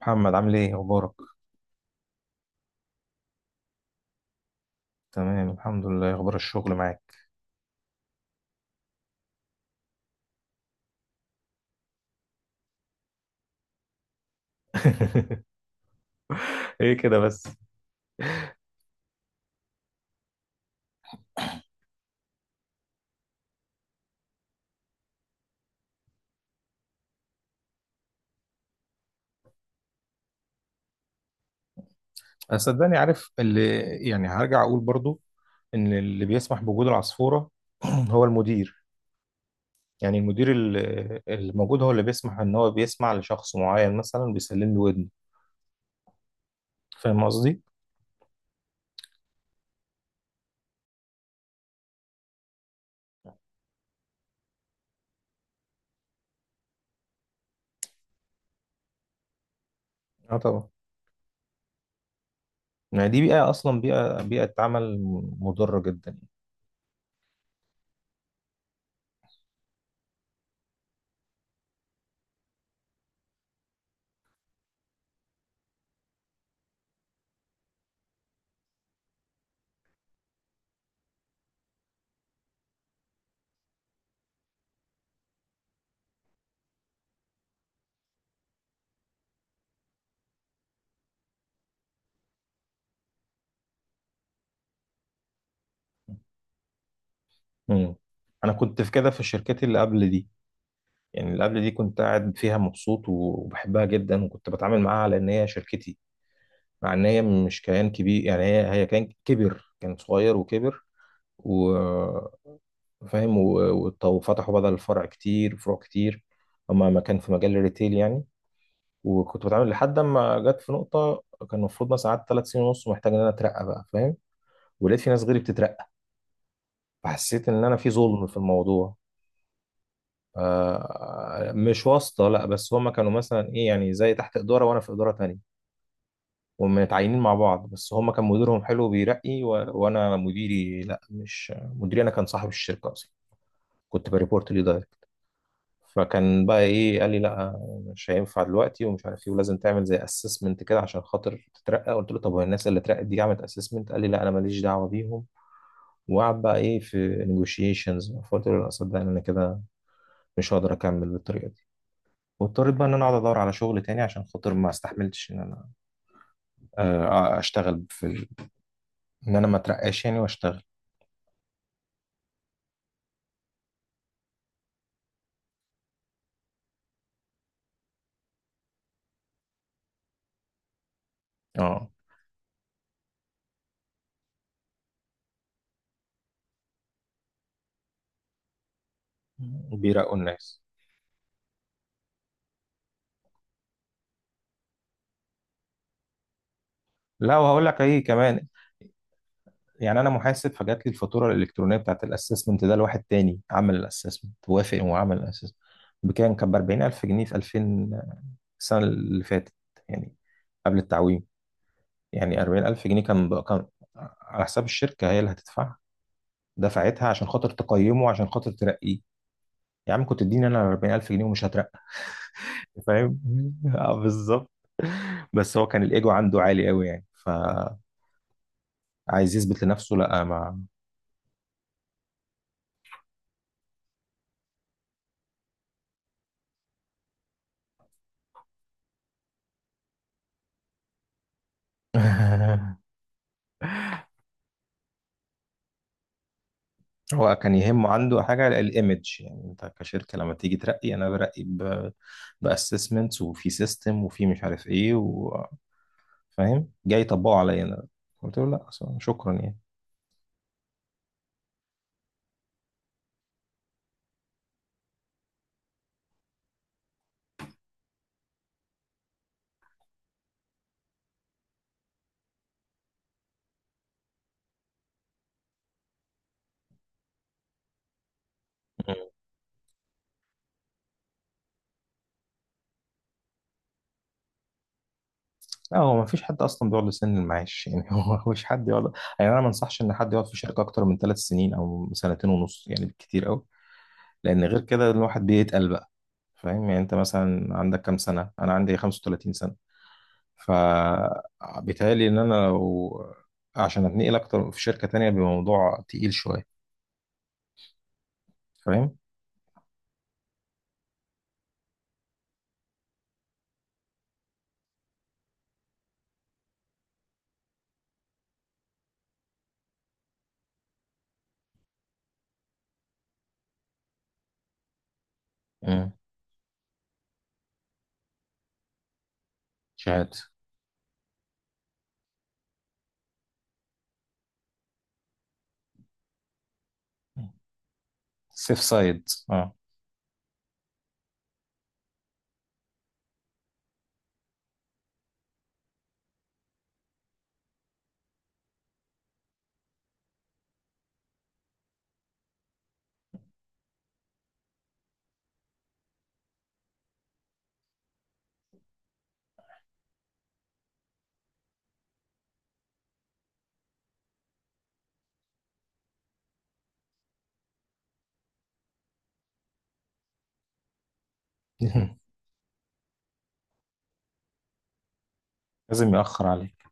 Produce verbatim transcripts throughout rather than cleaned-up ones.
محمد، عامل ايه اخبارك؟ تمام الحمد لله. إيه اخبار الشغل معاك؟ ايه كده بس؟ صدقني عارف اللي يعني هرجع اقول برضو ان اللي بيسمح بوجود العصفورة. هو المدير. يعني المدير ال- الموجود هو اللي بيسمح ان هو بيسمع لشخص معين مثلا بيسلم له ودنه. فاهم قصدي؟ اه طبعا. يعني دي بيئة، اصلا بيئة بيئة عمل مضرة جدا. مم. انا كنت في كده في الشركات اللي قبل دي. يعني اللي قبل دي كنت قاعد فيها مبسوط وبحبها جدا، وكنت بتعامل معاها على ان هي شركتي، مع ان هي مش كيان كبير. يعني هي هي كيان كبر، كان صغير وكبر. و، فاهم، و- وط- وفتحوا بدل الفرع كتير فروع كتير. هما ما كان في مجال الريتيل يعني. وكنت بتعامل لحد ما جت في نقطة، كان المفروض مثلا قعدت ثلاث سنين ونص ومحتاج ان انا اترقى بقى. فاهم؟ ولقيت في ناس غيري بتترقى، فحسيت ان انا في ظلم في الموضوع. آه، مش واسطة، لا، بس هما كانوا مثلا ايه، يعني زي تحت إدارة وانا في إدارة تانية، ومتعينين مع بعض، بس هما كان مديرهم حلو بيرقي. و... وانا مديري، لا، مش مديري، انا كان صاحب الشركة اصلا. كنت بريبورت ليه دايركت. فكان بقى ايه، قال لي لا، مش هينفع دلوقتي ومش عارف ايه، ولازم تعمل زي اسسمنت كده عشان خاطر تترقى. قلت له طب هو الناس اللي اترقت دي عملت اسسمنت؟ قال لي لا، انا ماليش دعوة بيهم. وقعد بقى ايه في نيجوشيشنز، فقلت له لا صدقني انا كده مش هقدر اكمل بالطريقة دي. واضطريت بقى ان انا اقعد ادور على شغل تاني عشان خاطر ما استحملتش ان انا آه، اشتغل في ال- ان انا ما اترقاش يعني واشتغل. اه بيرقوا الناس. لا، وهقول لك ايه كمان. يعني انا محاسب، فجات لي الفاتوره الالكترونيه بتاعت الاسسمنت ده لواحد تاني عمل الاسسمنت، وافق وعمل الاسسمنت. بكام؟ كان ب اربعين الف جنيه في الفين، السنه اللي فاتت يعني، قبل التعويم. يعني اربعين الف جنيه كان بقى كان على حساب الشركه، هي اللي هتدفعها. دفعتها عشان خاطر تقيمه عشان خاطر ترقيه. يا عم كنت اديني انا اربعين الف جنيه ومش هترقى. فاهم؟ آه، بالظبط. بس هو كان الايجو عنده عالي قوي يعني، فعايز يثبت لنفسه، لا ما. هو كان يهمه عنده حاجه الايمج. يعني انت كشركه لما تيجي ترقي انا برقي باسسمنتس، وفي سيستم، وفي مش عارف ايه و- فاهم، جاي يطبقه عليا انا. قلت له لا، أصلاً شكرا يعني. لا، هو ما فيش حد اصلا بيقعد لسن المعاش يعني. هو مش حد يقعد. يعني انا ما انصحش ان حد يقعد في شركه اكتر من ثلاث سنين او سنتين ونص يعني، بالكتير قوي. لان غير كده الواحد بيتقل بقى. فاهم؟ يعني انت مثلا عندك كام سنه؟ انا عندي 35 سنه. فبيتهيألي ان انا لو عشان اتنقل اكتر في شركه تانية بموضوع تقيل شويه. فاهم؟ امم. شهاده. سيف سايد، اه. لازم يأخر عليك.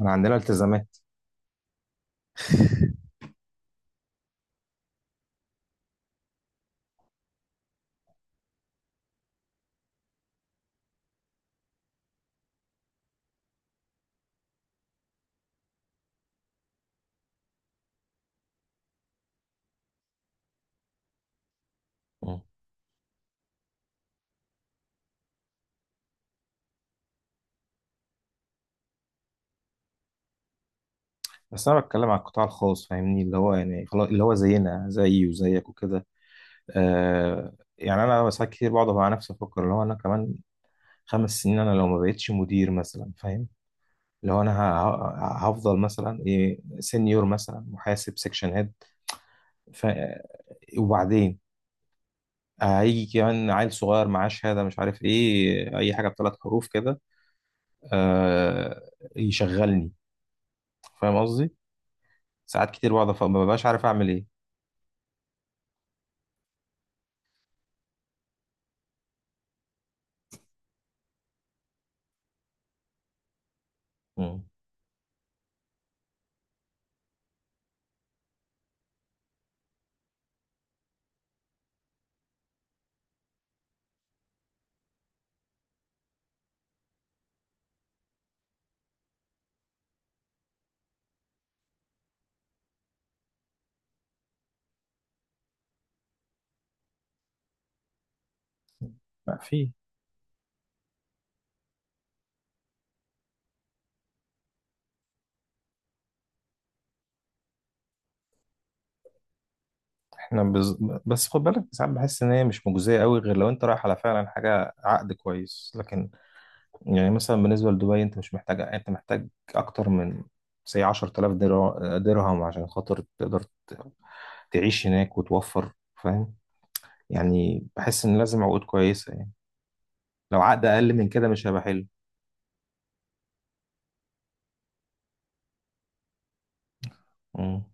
انا عندنا التزامات. بس انا بتكلم على القطاع الخاص، فاهمني، اللي هو يعني خلاص اللي هو زينا، زيي وزيك وكده. آه، يعني انا ساعات كتير بقعد مع نفسي افكر اللي هو انا كمان خمس سنين، انا لو ما بقتش مدير مثلا، فاهم، اللي هو انا ه- ه- هفضل مثلا ايه، سenior مثلا، محاسب سكشن هيد. ف، وبعدين هيجي كمان عيل صغير معاه شهاده مش عارف ايه، اي حاجه بثلاث حروف كده. آه. يشغلني. فاهم قصدي؟ ساعات كتير بقعد أف- ما ببقاش عارف اعمل ايه. مم. ما في. احنا بز... بس خد بالك ساعات بحس ان هي مش مجزيه قوي غير لو انت رايح على فعلا حاجه عقد كويس. لكن يعني مثلا بالنسبه لدبي انت مش محتاج، انت محتاج اكتر من سي عشر تلاف درا- درهم عشان خاطر تقدر ت- تعيش هناك وتوفر. فاهم؟ يعني بحس ان لازم عقود كويسه يعني. لو عقد اقل من كده مش هيبقى حلو. مم.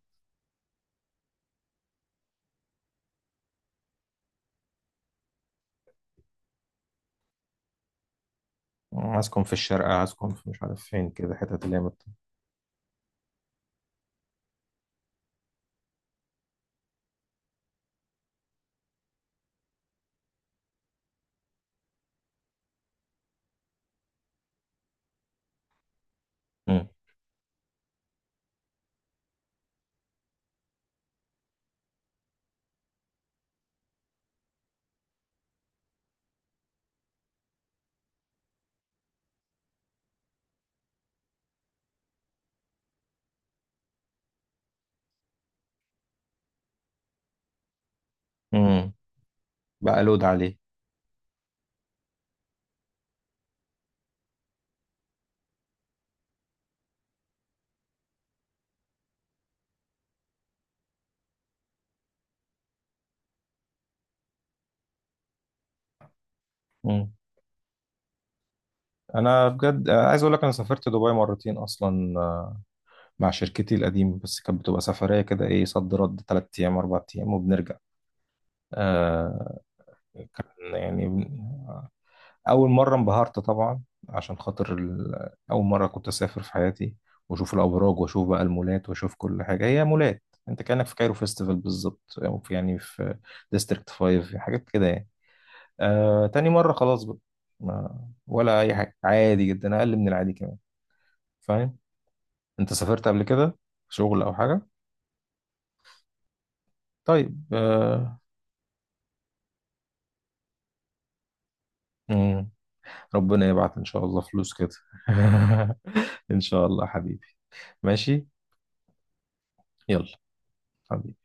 هسكن في الشارقه، هسكن في مش عارف فين، كده حتت اللي هي مت- مم. مم. بقى لود عليه. مم. انا بجد عايز اقول لك انا سافرت دبي مرتين اصلا مع شركتي القديمة. بس كانت بتبقى سفرية كده، إيه، صد رد، تلات أيام أربع أيام وبنرجع. آه. كان يعني بن- أول مرة انبهرت طبعا، عشان خاطر ال- أول مرة كنت أسافر في حياتي. وأشوف الأبراج، وأشوف بقى المولات، وأشوف كل حاجة هي مولات. أنت كأنك في كايرو فيستيفال بالظبط، أو في يعني في ديستريكت فايف حاجات كده يعني. آه. تاني مرة خلاص بقى، ما، ولا أي حاجة، عادي جدا، أقل من العادي كمان. فاهم؟ أنت سافرت قبل كده، شغل أو حاجة؟ طيب. آه. مم. ربنا يبعت ان شاء الله فلوس كده. ان شاء الله حبيبي. ماشي. يلا. حبيبي.